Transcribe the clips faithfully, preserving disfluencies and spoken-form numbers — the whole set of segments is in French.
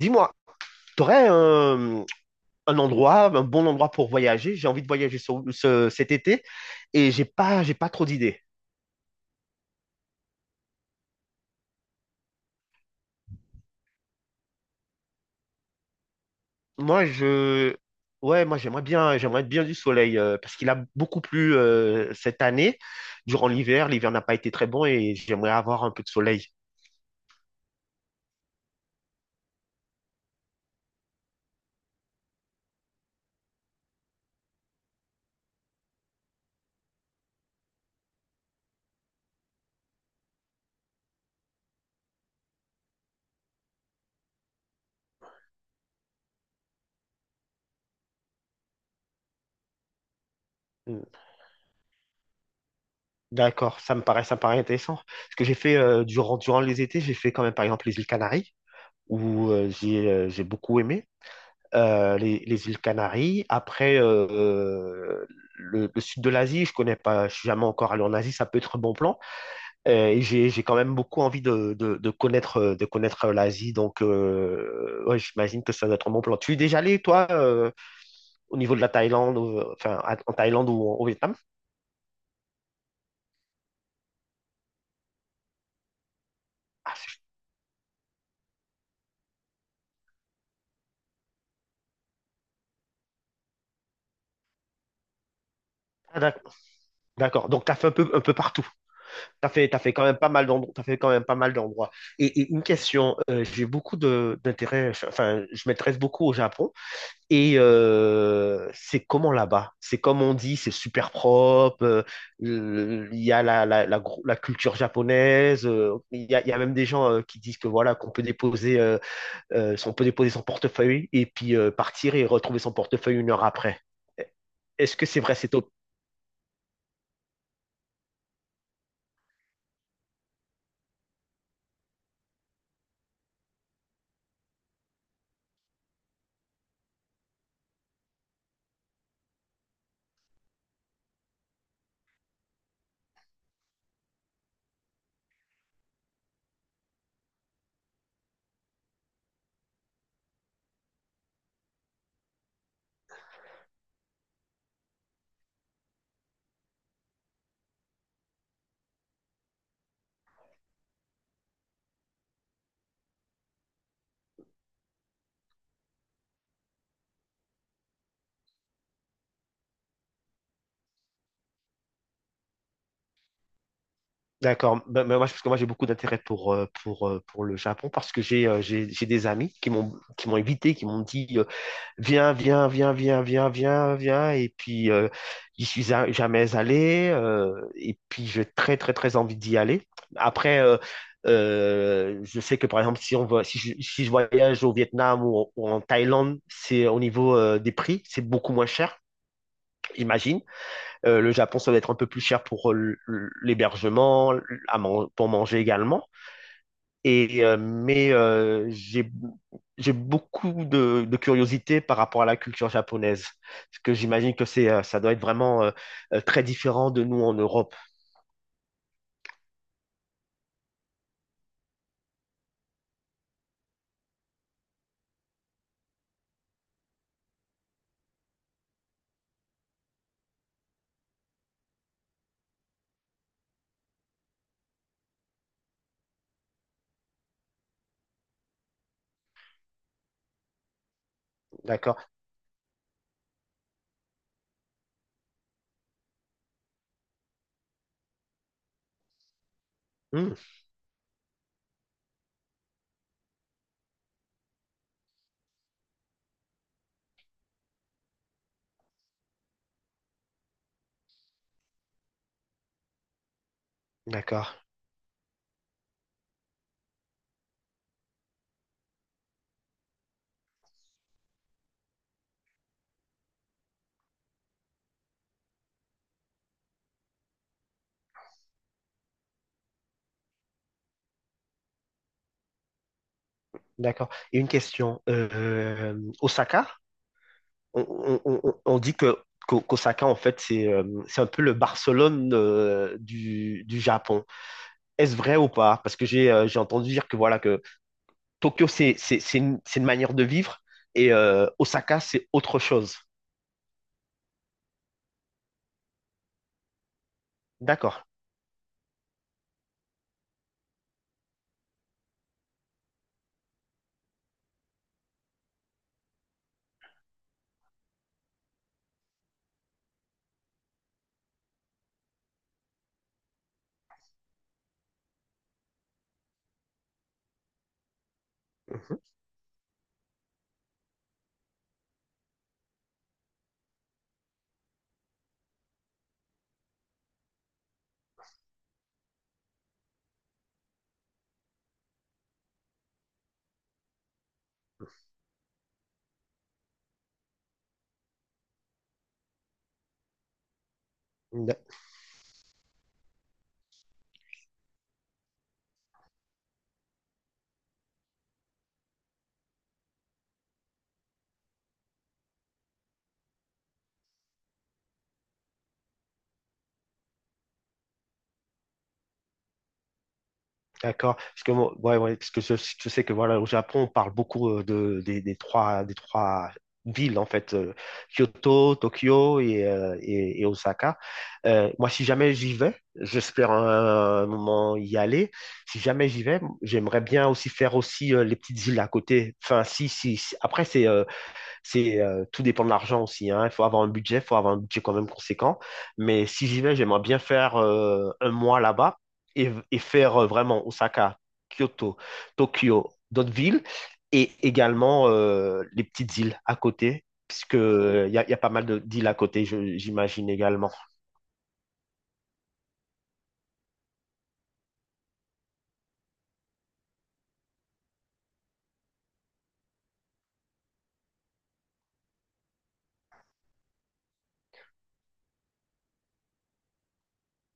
Dis-moi, t'aurais un, un endroit, un bon endroit pour voyager? J'ai envie de voyager ce- ce- cet été et j'ai pas, j'ai pas trop d'idées. Moi, je, ouais, moi j'aimerais bien, j'aimerais bien du soleil euh, parce qu'il a beaucoup plu euh, cette année durant l'hiver. L'hiver n'a pas été très bon et j'aimerais avoir un peu de soleil. Mm. D'accord, ça me paraît, ça me paraît intéressant. Ce que j'ai fait euh, durant, durant les étés, j'ai fait quand même par exemple les îles Canaries, où euh, j'ai euh, j'ai beaucoup aimé euh, les, les îles Canaries. Après, euh, euh, le, le sud de l'Asie, je connais pas, je suis jamais encore allé en Asie, ça peut être un bon plan. Euh, et j'ai j'ai quand même beaucoup envie de, de, de connaître, euh, de connaître euh, l'Asie, donc euh, ouais, j'imagine que ça doit être un bon plan. Tu es déjà allé, toi, euh, au niveau de la Thaïlande, euh, enfin à- en Thaïlande ou au Vietnam? Ah, c'est- ah, d'ac- d'accord, donc tu as fait un peu, un peu partout. T'as fait, t'as fait quand même pas mal d'endroits, t'as fait quand même pas mal d'endroits. Et, et une question, euh, j'ai beaucoup de d'intérêt, enfin, je m'intéresse beaucoup au Japon. Et euh, c'est comment là-bas? C'est comme on dit, c'est super propre. euh, euh, Il y a la, la, la, gro- la culture japonaise. euh, il y a, il y a même des gens euh, qui disent que voilà, qu'on peut déposer, euh, euh, si on peut déposer son portefeuille et puis euh, partir et retrouver son portefeuille une heure après. Est-ce que c'est vrai cette D'accord. Ben, ben, moi, je- parce que moi, j'ai beaucoup d'intérêt pour, euh, pour, euh, pour le Japon parce que j'ai euh, j'ai j'ai des amis qui m'ont qui m'ont invité, qui m'ont dit euh, viens, viens, viens, viens, viens, viens, viens. Et puis, euh, j'y suis a- jamais allé. euh, et puis, j'ai très, très, très envie d'y aller. Après, euh, euh, je sais que, par exemple, si, on va, si, je, si je voyage au Vietnam ou, en ou en Thaïlande, c'est au niveau euh, des prix, c'est beaucoup moins cher, j'imagine. Euh, le Japon, ça va être un peu plus cher pour euh, l'hébergement, à man- pour manger également. Et, euh, mais euh, j'ai j'ai beaucoup de, de curiosité par rapport à la culture japonaise, parce que j'imagine que c'est euh, ça doit être vraiment euh, euh, très différent de nous en Europe, d'accord? Hmm, d'accord, d'accord. Et une question, euh, Osaka, on, on- on- on dit que qu'O- qu'Osaka en fait c'est euh, c'est un peu le Barcelone euh, du du Japon. Est-ce vrai ou pas? Parce que j'ai euh, j'ai entendu dire que voilà que Tokyo c'est c'est c'est une, c'est une manière de vivre et euh, Osaka c'est autre chose. D'accord. Mhm. D'ac- D'accord. Parce que moi- ouais, ouais, parce que je, je sais que voilà au Japon on parle beaucoup euh, de des, des trois des trois villes en fait euh, Kyoto, Tokyo et, euh, et, et Osaka. Euh, moi si jamais j'y vais, j'espère un, moment y aller. Si jamais j'y vais, j'aimerais bien aussi faire aussi euh, les petites îles à côté. Enfin si si, si- après c'est euh, C'est euh, tout dépend de l'argent aussi, hein. Il faut avoir un budget, il faut avoir un budget quand même conséquent. Mais si j'y vais, j'aimerais bien faire euh, un mois là-bas et, et faire euh, vraiment Osaka, Kyoto, Tokyo, d'autres villes et également euh, les petites îles à côté, puisque euh, il y a, y a pas mal de- d'îles à côté, je- j'imagine également.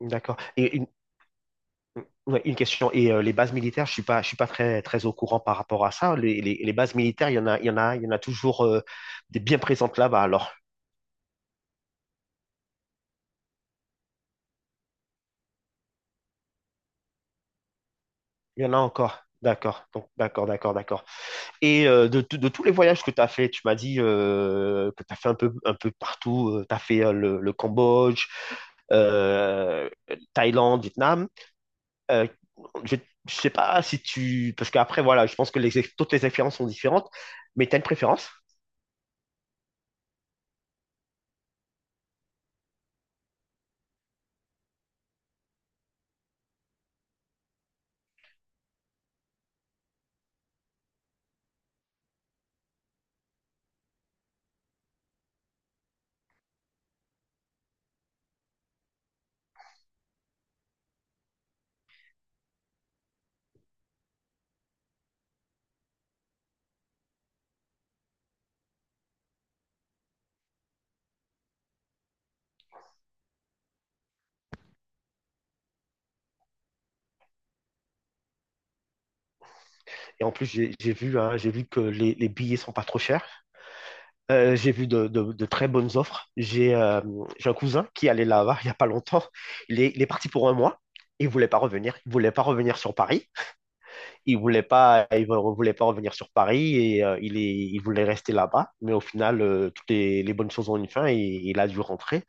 D'accord. Et une, ouais, une question. Et euh, les bases militaires, je suis pas, je suis pas très, très au courant par rapport à ça. Les, les- les bases militaires, il y en a, il y en a, il y en a toujours euh, des bien présentes là-bas. Alors. Il y en a encore. D'accord, donc d'accord, d'accord, d'accord. Et euh, de, de- de tous les voyages que tu as fait, tu m'as dit euh, que tu as fait un peu, un peu partout. Tu as fait euh, le, le Cambodge, euh, Thaïlande, Vietnam. Euh, je ne sais pas si tu... Parce qu'après, voilà, je pense que les, ex- toutes les expériences sont différentes, mais tu as une préférence? Et en plus, j'ai j'ai vu, hein, j'ai vu que les, les billets sont pas trop chers. Euh, j'ai vu de, de- de très bonnes offres. J'ai euh, j'ai un cousin qui allait là-bas il y a pas longtemps. Il est, il est parti pour un mois. Il voulait pas revenir. Il voulait pas revenir sur Paris. Il voulait pas, il re- voulait pas revenir sur Paris et euh, il est, il voulait rester là-bas. Mais au final, euh, toutes les, les bonnes choses ont une fin et il a dû rentrer.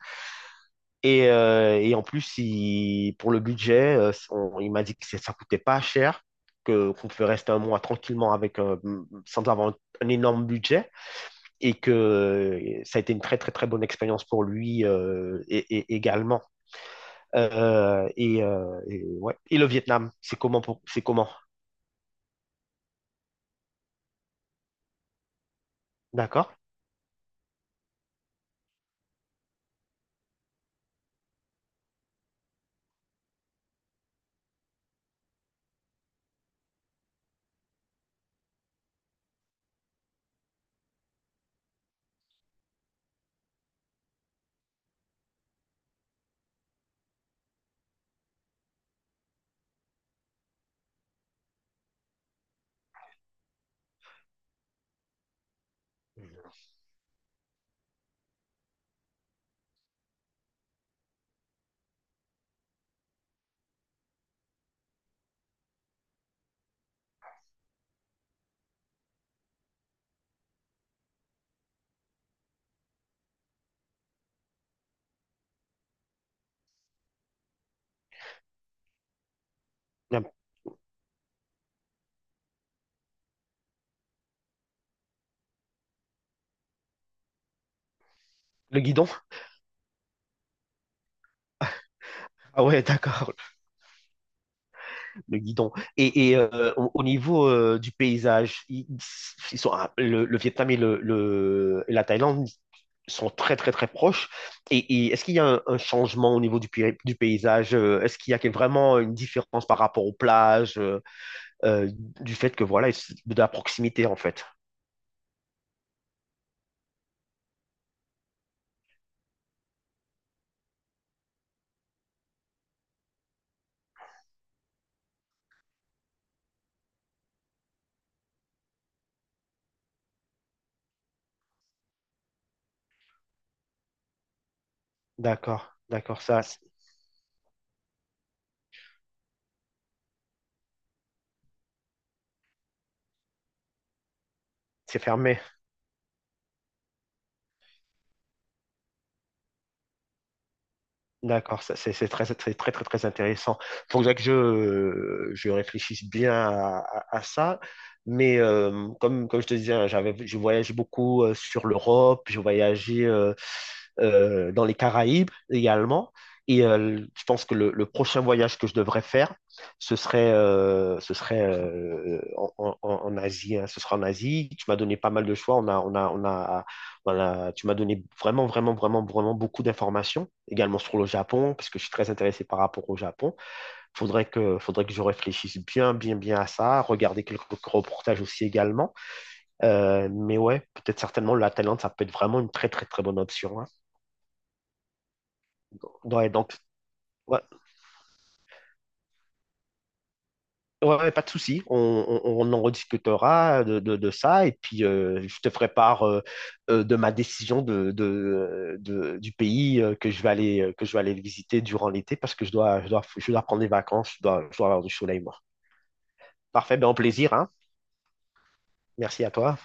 Et, euh, et en plus, il- pour le budget, euh, on- il m'a dit que ça ça coûtait pas cher, que qu'on pouvait rester un mois tranquillement avec euh, sans avoir un énorme budget, et que euh, ça a été une très très très bonne expérience pour lui euh, et, et- également. Euh, et, euh, et ouais. Et le Vietnam, c'est comment pour- c'est comment? D'accord. Le guidon? Ah ouais, d'accord. Le guidon. Et, et, euh, au, au niveau euh, du paysage, ils, ils sont, ah, le, le Vietnam et le, le- et la Thaïlande sont très, très, très proches. Et, et est-ce qu'il y a un, un changement au niveau du, pi- du paysage? euh, Est-ce qu'il y a que- vraiment une différence par rapport aux plages, euh, euh, du fait que, voilà, de la proximité, en fait? D'accord, d'accord, ça, c'est fermé. D'accord, ça, c'est c'est très, très, très, très, très intéressant. Il faudrait que je, je réfléchisse bien à, à- à ça. Mais euh, comme, comme je te disais, hein, j'avais, je voyageais beaucoup euh, sur l'Europe, je voyageais euh, euh, dans les Caraïbes également. Et euh, je pense que le, le prochain voyage que je devrais faire, ce serait, euh, ce serait euh, en, en- en Asie. Hein. Ce sera en Asie. Tu m'as donné pas mal de choix. On a, on a, on a voilà, tu m'as donné vraiment, vraiment, vraiment, vraiment beaucoup d'informations, également sur le Japon, parce que je suis très intéressé par rapport au Japon. Faudrait que, faudrait que je réfléchisse bien, bien, bien à ça, regarder quelques reportages aussi également. Euh, mais ouais, peut-être certainement la Thaïlande, ça peut être vraiment une très, très, très bonne option. Hein. Ouais, donc, ouais, ouais, ouais, pas de souci. On, on- on en rediscutera de, de- de ça et puis euh, je te ferai part euh, euh, de ma décision de, de- de- du pays euh, que je vais aller euh, que je vais aller visiter durant l'été parce que je dois je dois je dois prendre des vacances, je dois, je dois avoir du soleil moi. Parfait, ben au plaisir, hein. Merci à toi.